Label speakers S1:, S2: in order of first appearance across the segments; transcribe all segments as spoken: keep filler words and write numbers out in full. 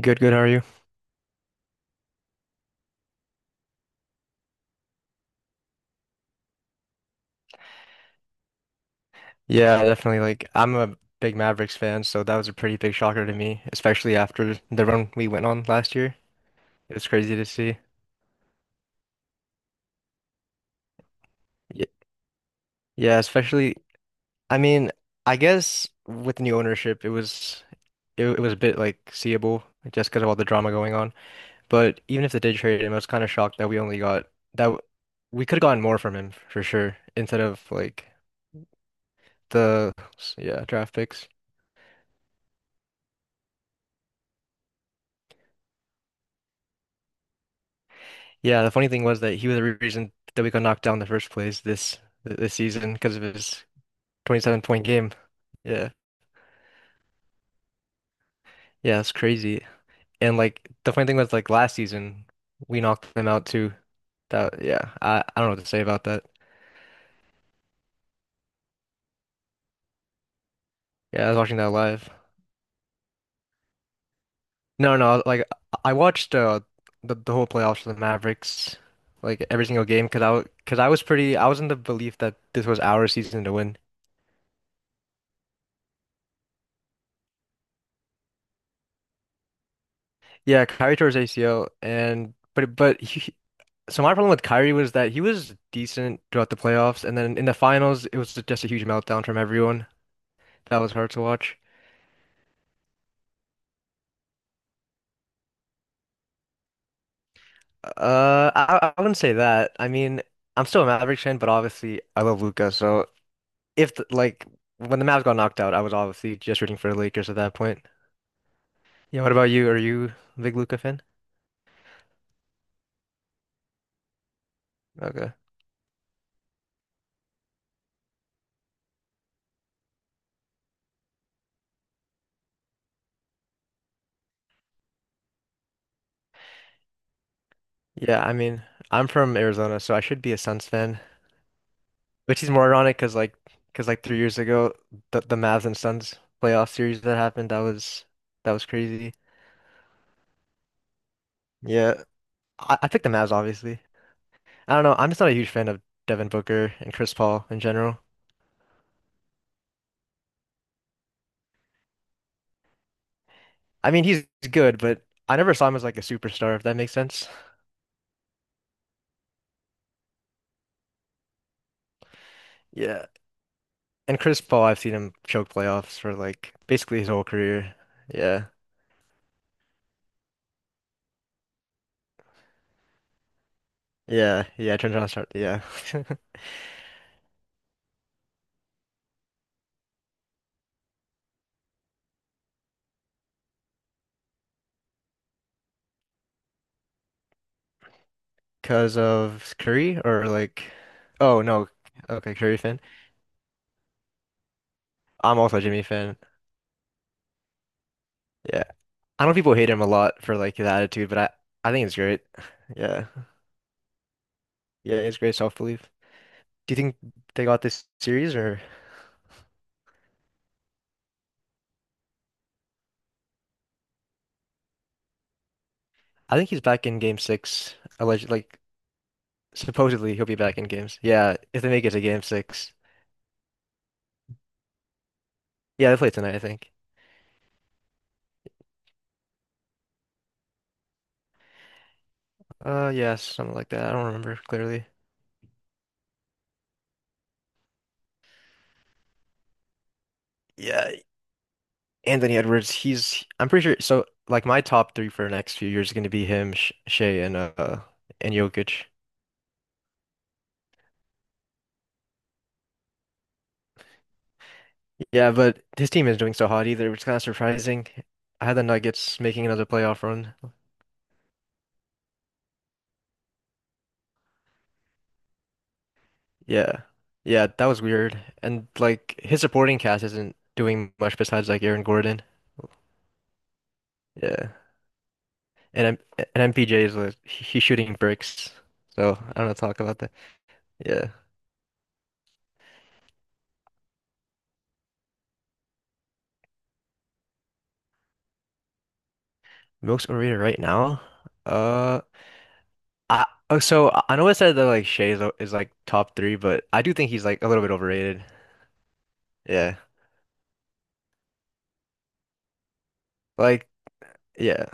S1: Good, good. How are you? Yeah, definitely. Like, I'm a big Mavericks fan, so that was a pretty big shocker to me, especially after the run we went on last year. It was crazy to see. Y- Yeah, especially, I mean, I guess with the new ownership, it was it, it was a bit like seeable like, just because of all the drama going on. But even if they did trade him, I was kind of shocked that we only got that w- we could have gotten more from him for sure instead of like the yeah, draft picks. Yeah, the funny thing was that he was the re- reason that we got knocked down in the first place this this season because of his twenty-seven point game. Yeah. Yeah, it's crazy. And like the funny thing was like last season we knocked them out too. That yeah, I, I don't know what to say about that. Yeah, I was watching that live. No, no, like I watched uh the, the whole playoffs for the Mavericks, like every single game because I cause I was pretty I was in the belief that this was our season to win. Yeah, Kyrie tore his A C L and but but he, so my problem with Kyrie was that he was decent throughout the playoffs, and then in the finals, it was just a huge meltdown from everyone. That was hard to watch. Uh, I, I wouldn't say that. I mean, I'm still a Mavericks fan, but obviously I love Luca. So if the, like when the Mavs got knocked out, I was obviously just rooting for the Lakers at that point. Yeah, what about you? Are you a big Luca fan? Okay. Yeah, I mean, I'm from Arizona, so I should be a Suns fan. Which is more ironic because like because like three years ago the the Mavs and Suns playoff series that happened that was that was crazy. Yeah, I, I picked the Mavs obviously. I don't know. I'm just not a huge fan of Devin Booker and Chris Paul in general. I mean, he's good, but I never saw him as like a superstar, if that makes sense. Yeah, and Chris Paul, I've seen him choke playoffs for like basically his whole career. Yeah, yeah, yeah. Turns out, start yeah. because of Curry or like, oh no, okay, Curry fan. I'm also a Jimmy fan. Yeah. I know people hate him a lot for like his attitude, but I I think it's great. Yeah. Yeah, it's great self-belief. Do you think they got this series or I think he's back in game six. Alleged like supposedly he'll be back in games. Yeah, if they make it to game six. Yeah, they play tonight, I think. Uh yeah, something like that. I don't remember clearly. Yeah, Anthony Edwards, he's I'm pretty sure so like my top three for the next few years is gonna be him, Sh Shea and uh and Jokic. Yeah, but his team is doing so hot either, which is kind of surprising. I had the Nuggets making another playoff run. Yeah. Yeah, that was weird. And like his supporting cast isn't doing much besides like Aaron Gordon. Yeah. And M and M P J is like he- he's shooting bricks. So I don't know talk about that. Yeah. Most overrated right now? Uh I oh so I I know I said that like Shea is, is like top three, but I do think he's like a little bit overrated. Yeah. Like yeah.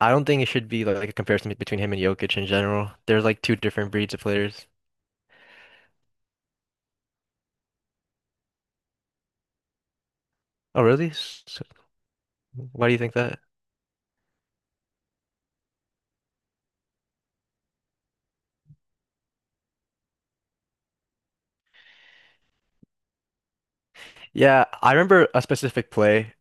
S1: I don't think it should be like a comparison between him and Jokic in general. They're like two different breeds of players. Oh, really? So, why do you think that? Yeah, I remember a specific play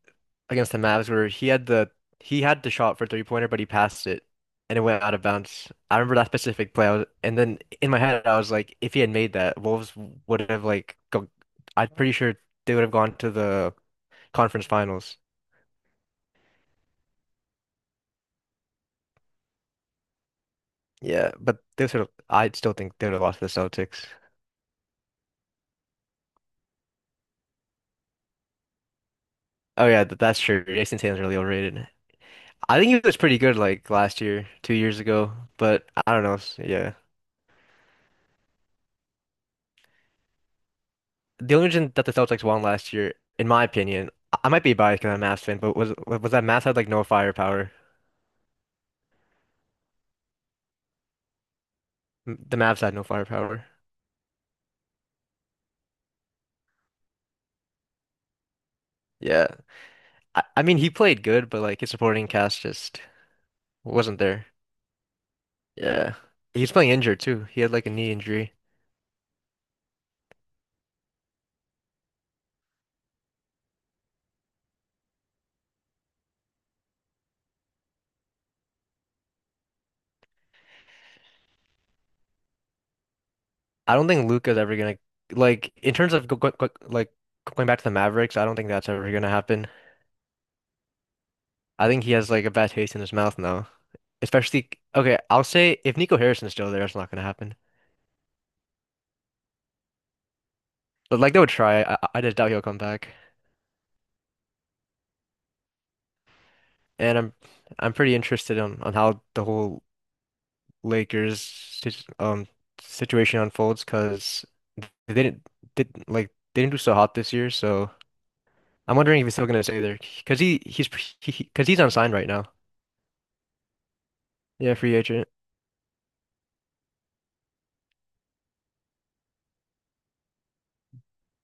S1: against the Mavs where he had the he had the shot for three pointer, but he passed it and it went out of bounds. I remember that specific play. I was, and then in my head, I was like, if he had made that, Wolves would have like go, I'm pretty sure they would have gone to the conference finals. Yeah, but they sort of I still think they would have lost to the Celtics. Oh yeah, th- that's true. Jason Tatum's really overrated. I think he was pretty good like last year, two years ago, but I don't know. S- Yeah. The only reason that the Celtics won last year, in my opinion, I I might be biased because I'm a Mavs fan, but was was that Mavs had like no firepower. M- The Mavs had no firepower. Yeah. I, I mean, he played good, but like his supporting cast just wasn't there. Yeah. He was playing injured too. He had like a knee injury. I don't think Luka's ever gonna like in terms of go, go, go- like going back to the Mavericks, I don't think that's ever gonna happen. I think he has like a bad taste in his mouth now. Especially, okay, I'll say if Nico Harrison's still there, it's not gonna happen. But like they would try. I, I just doubt he'll come back. And I'm I'm pretty interested on, on how the whole Lakers sit- um situation unfolds because they didn't did like they didn't do so hot this year. So I'm wondering if he's still gonna stay there because he he's because he's unsigned right now. Yeah, free agent.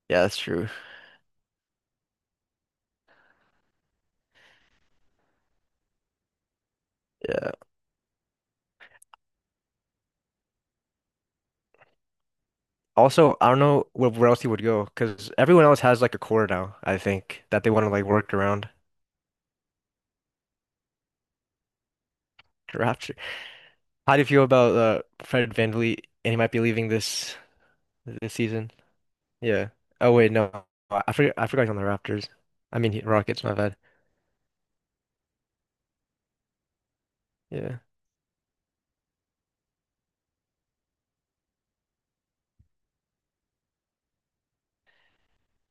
S1: Yeah, that's true. Yeah. Also, I don't know where, where else he would go because everyone else has like a core now, I think, that they want to like work around. Draft how do you feel about uh, Fred VanVleet and he might be leaving this this season? Yeah. Oh wait, no. I forgot I forgot he's on the Raptors. I mean he- Rockets, my bad. Yeah.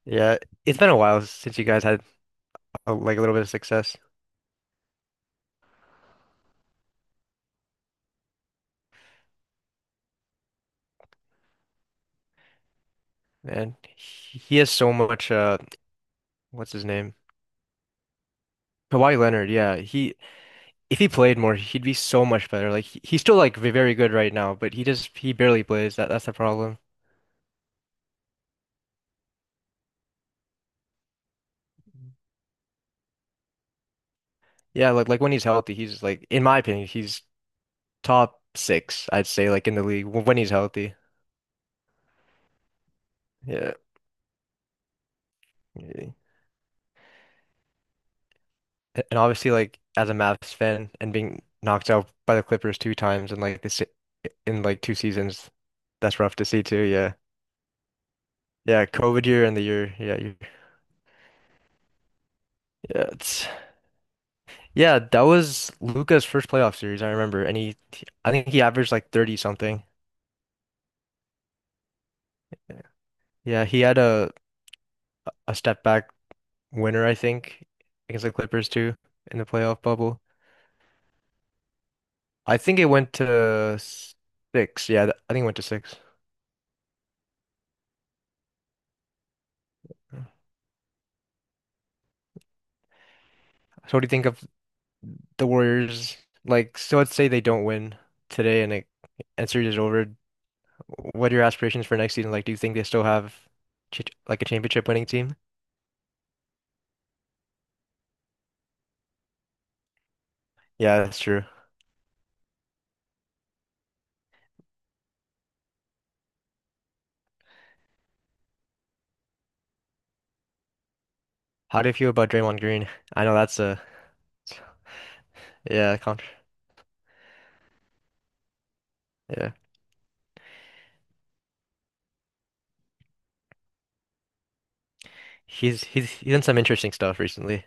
S1: Yeah. It's been a while since you guys had a, like a little bit of success. Man, he he has so much uh what's his name? Kawhi Leonard, yeah. He if he played more, he'd be so much better. Like he, he's still like ve- very good right now, but he just he barely plays. That that's the problem. Yeah, like like when he's healthy, he's like in my opinion, he's top six, I'd say, like in the league when he's healthy. Yeah. Yeah. And obviously, like as a Mavs fan and being knocked out by the Clippers two times in like this in like two seasons, that's rough to see too. Yeah. Yeah, COVID year and the year. Yeah, you, yeah, it's yeah. That was Luca's first playoff series. I remember, and he, I think he averaged like thirty something. Yeah, yeah, he had a a step back winner, I think, against the Clippers too in the playoff bubble. I think it went to six. Yeah, th- I think it went to six. So what do you think of the Warriors? Like, so let's say they don't win today and it and series is over. What are your aspirations for next season? Like, do you think they still have ch like a championship winning team? Yeah, that's true. How do you feel about Draymond Green? I know that's a yeah, con yeah. He's he's he's done some interesting stuff recently.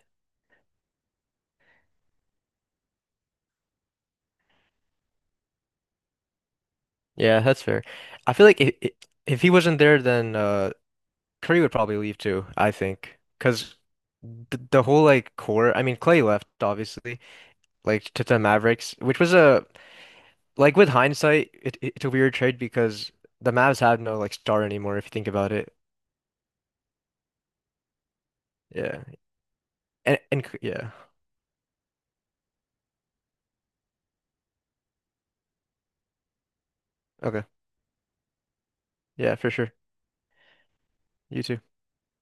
S1: Yeah, that's fair. I feel like if if he wasn't there, then uh. Curry would probably leave too, I think, because the, the whole like core. I mean, Clay left obviously, like to the Mavericks, which was a like with hindsight, it, it's a weird trade because the Mavs have no like star anymore if you think about it. Yeah, and and yeah, okay, yeah, for sure. You too.